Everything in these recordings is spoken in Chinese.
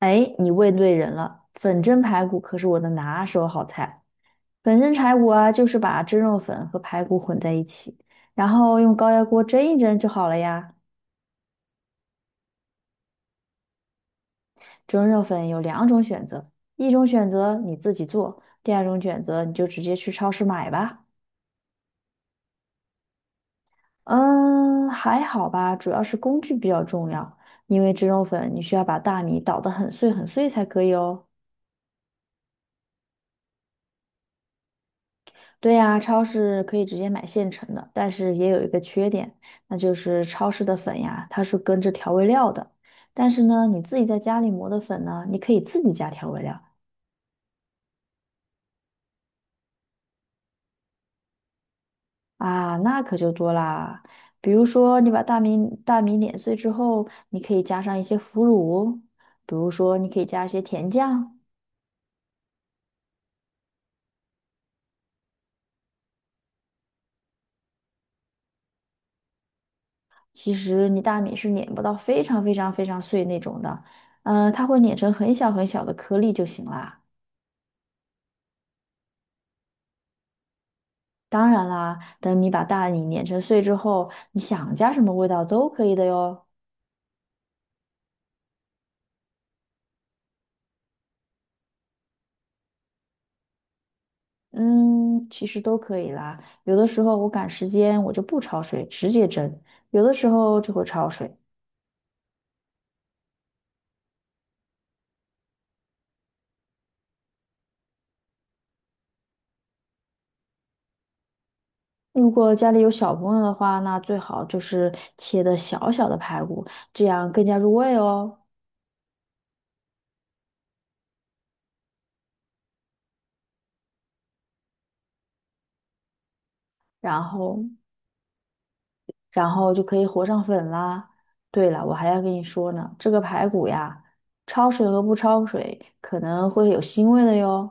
哎，你问对人了，粉蒸排骨可是我的拿手好菜。粉蒸排骨啊，就是把蒸肉粉和排骨混在一起，然后用高压锅蒸一蒸就好了呀。蒸肉粉有两种选择，一种选择你自己做，第二种选择你就直接去超市买吧。嗯，还好吧，主要是工具比较重要，因为蒸肉粉你需要把大米捣得很碎很碎才可以哦。对呀，超市可以直接买现成的，但是也有一个缺点，那就是超市的粉呀，它是跟着调味料的。但是呢，你自己在家里磨的粉呢，你可以自己加调味料啊，那可就多啦。比如说，你把大米碾碎之后，你可以加上一些腐乳，比如说你可以加一些甜酱。其实你大米是碾不到非常非常非常碎那种的，它会碾成很小很小的颗粒就行啦。当然啦，等你把大米碾成碎之后，你想加什么味道都可以的哟。嗯，其实都可以啦。有的时候我赶时间，我就不焯水，直接蒸；有的时候就会焯水。如果家里有小朋友的话，那最好就是切的小小的排骨，这样更加入味哦。然后，然后就可以和上粉啦。对了，我还要跟你说呢，这个排骨呀，焯水和不焯水可能会有腥味的哟。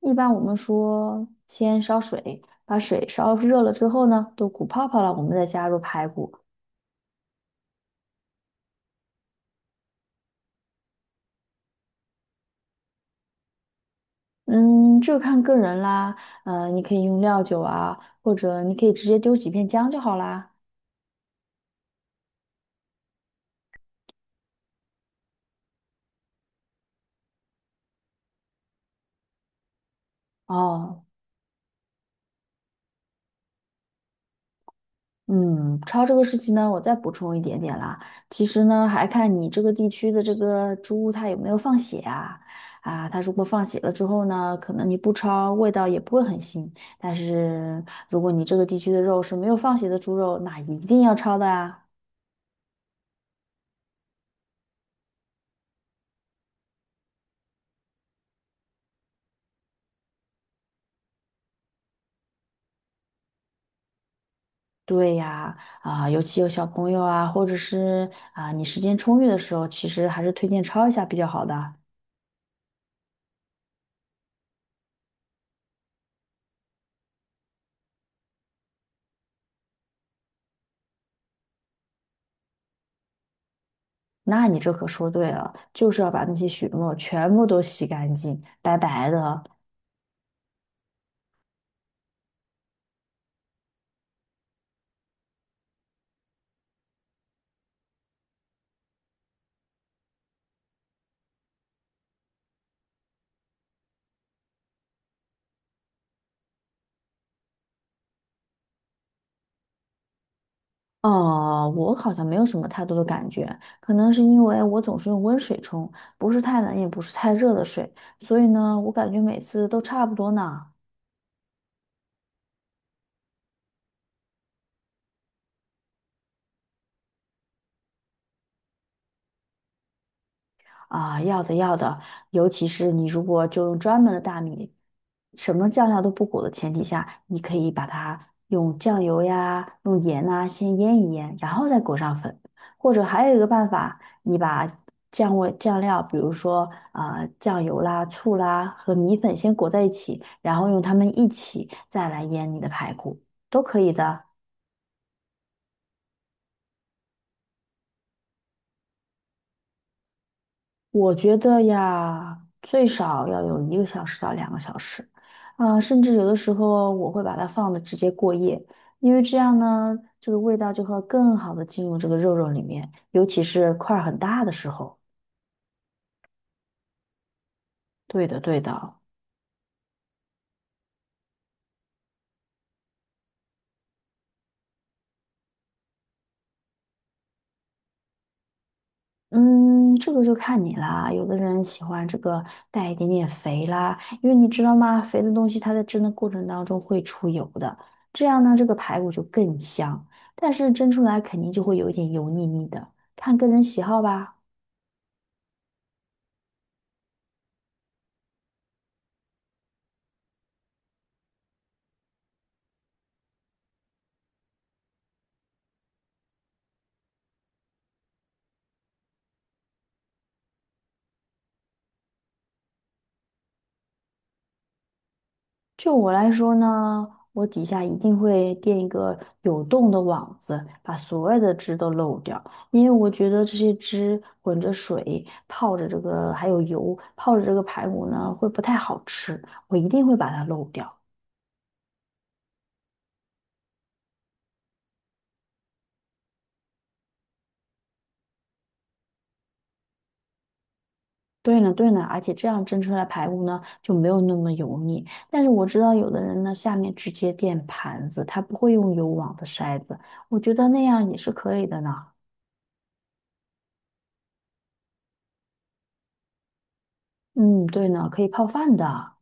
一般我们说先烧水，把水烧热了之后呢，都鼓泡泡了，我们再加入排骨。嗯，这个看个人啦。嗯，你可以用料酒啊，或者你可以直接丢几片姜就好啦。哦，嗯，焯这个事情呢，我再补充一点点啦。其实呢，还看你这个地区的这个猪它有没有放血啊？啊，它如果放血了之后呢，可能你不焯，味道也不会很腥。但是如果你这个地区的肉是没有放血的猪肉，那一定要焯的啊。对呀，啊，尤其有小朋友啊，或者是啊你时间充裕的时候，其实还是推荐焯一下比较好的。那你这可说对了，就是要把那些血沫全部都洗干净，白白的。哦，我好像没有什么太多的感觉，可能是因为我总是用温水冲，不是太冷也不是太热的水，所以呢，我感觉每次都差不多呢。啊，要的要的，尤其是你如果就用专门的大米，什么酱料都不裹的前提下，你可以把它用酱油呀、用盐呐、先腌一腌，然后再裹上粉。或者还有一个办法，你把酱味酱料，比如说啊、酱油啦、醋啦和米粉先裹在一起，然后用它们一起再来腌你的排骨，都可以的。我觉得呀，最少要有1个小时到2个小时，甚至有的时候我会把它放的直接过夜，因为这样呢，这个味道就会更好的进入这个肉肉里面，尤其是块儿很大的时候。对的，对的。嗯，这个就看你啦。有的人喜欢这个带一点点肥啦，因为你知道吗？肥的东西它在蒸的过程当中会出油的，这样呢，这个排骨就更香。但是蒸出来肯定就会有一点油腻腻的，看个人喜好吧。就我来说呢，我底下一定会垫一个有洞的网子，把所有的汁都漏掉，因为我觉得这些汁混着水泡着这个还有油泡着这个排骨呢，会不太好吃，我一定会把它漏掉。对呢，对呢，而且这样蒸出来的排骨呢就没有那么油腻。但是我知道有的人呢下面直接垫盘子，他不会用有网的筛子，我觉得那样也是可以的呢。嗯，对呢，可以泡饭的。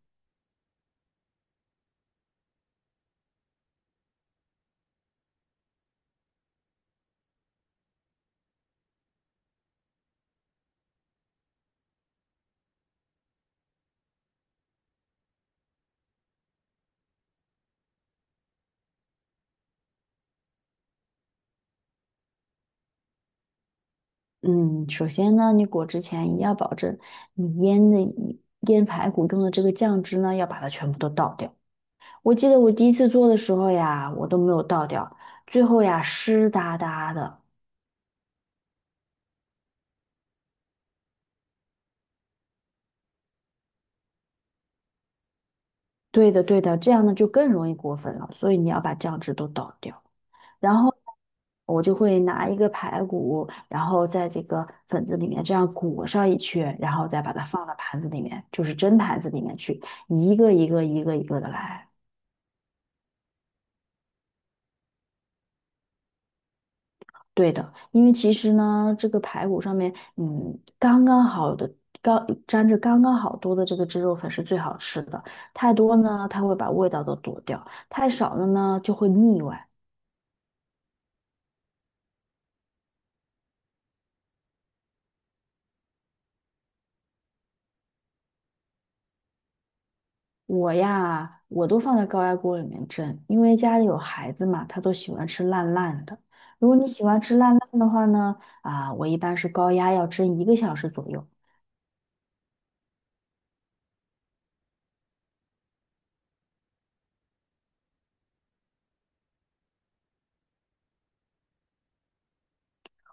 嗯，首先呢，你裹之前一定要保证你腌排骨用的这个酱汁呢，要把它全部都倒掉。我记得我第一次做的时候呀，我都没有倒掉，最后呀湿哒哒的。对的，对的，这样呢就更容易裹粉了，所以你要把酱汁都倒掉。然后我就会拿一个排骨，然后在这个粉子里面这样裹上一圈，然后再把它放到盘子里面，就是蒸盘子里面去，一个一个的来。对的，因为其实呢，这个排骨上面，嗯，刚刚好的，刚沾着刚刚好多的这个汁肉粉是最好吃的。太多呢，它会把味道都躲掉；太少了呢，就会腻歪。我呀，我都放在高压锅里面蒸，因为家里有孩子嘛，他都喜欢吃烂烂的。如果你喜欢吃烂烂的话呢，啊，我一般是高压要蒸一个小时左右，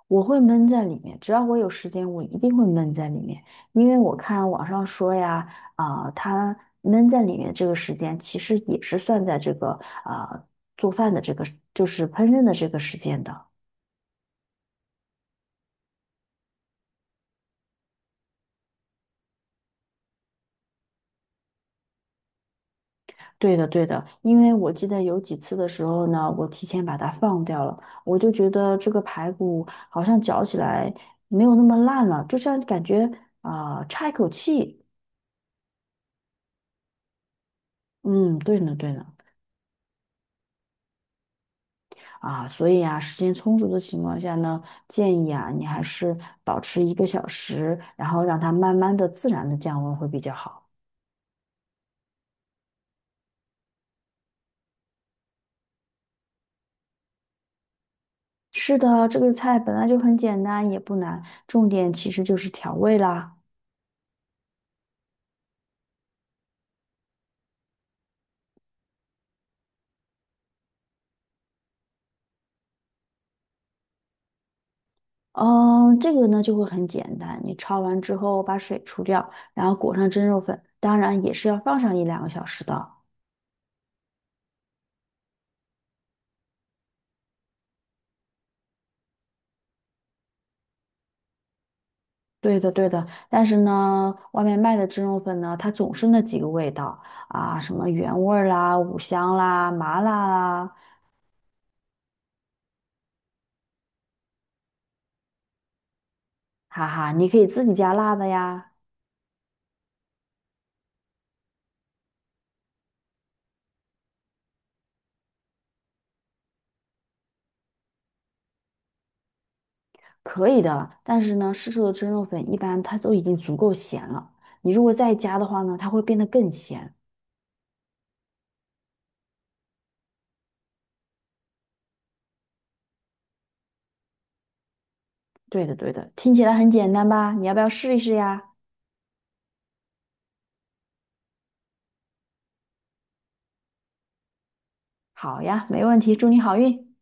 我会闷在里面，只要我有时间，我一定会闷在里面，因为我看网上说呀，它闷在里面这个时间，其实也是算在这个啊、做饭的这个，就是烹饪的这个时间的。对的，对的，因为我记得有几次的时候呢，我提前把它放掉了，我就觉得这个排骨好像嚼起来没有那么烂了，就像感觉差一口气。嗯，对呢，对呢。啊，所以啊，时间充足的情况下呢，建议啊，你还是保持一个小时，然后让它慢慢的、自然的降温会比较好。是的，这个菜本来就很简单，也不难，重点其实就是调味啦。嗯，这个呢就会很简单，你焯完之后把水除掉，然后裹上蒸肉粉，当然也是要放上1~2个小时的。对的，对的，但是呢，外面卖的蒸肉粉呢，它总是那几个味道。啊，什么原味儿啦、五香啦、麻辣啦，哈哈，你可以自己加辣的呀，可以的。但是呢，市售的蒸肉粉一般它都已经足够咸了，你如果再加的话呢，它会变得更咸。对的，对的，听起来很简单吧？你要不要试一试呀？好呀，没问题，祝你好运。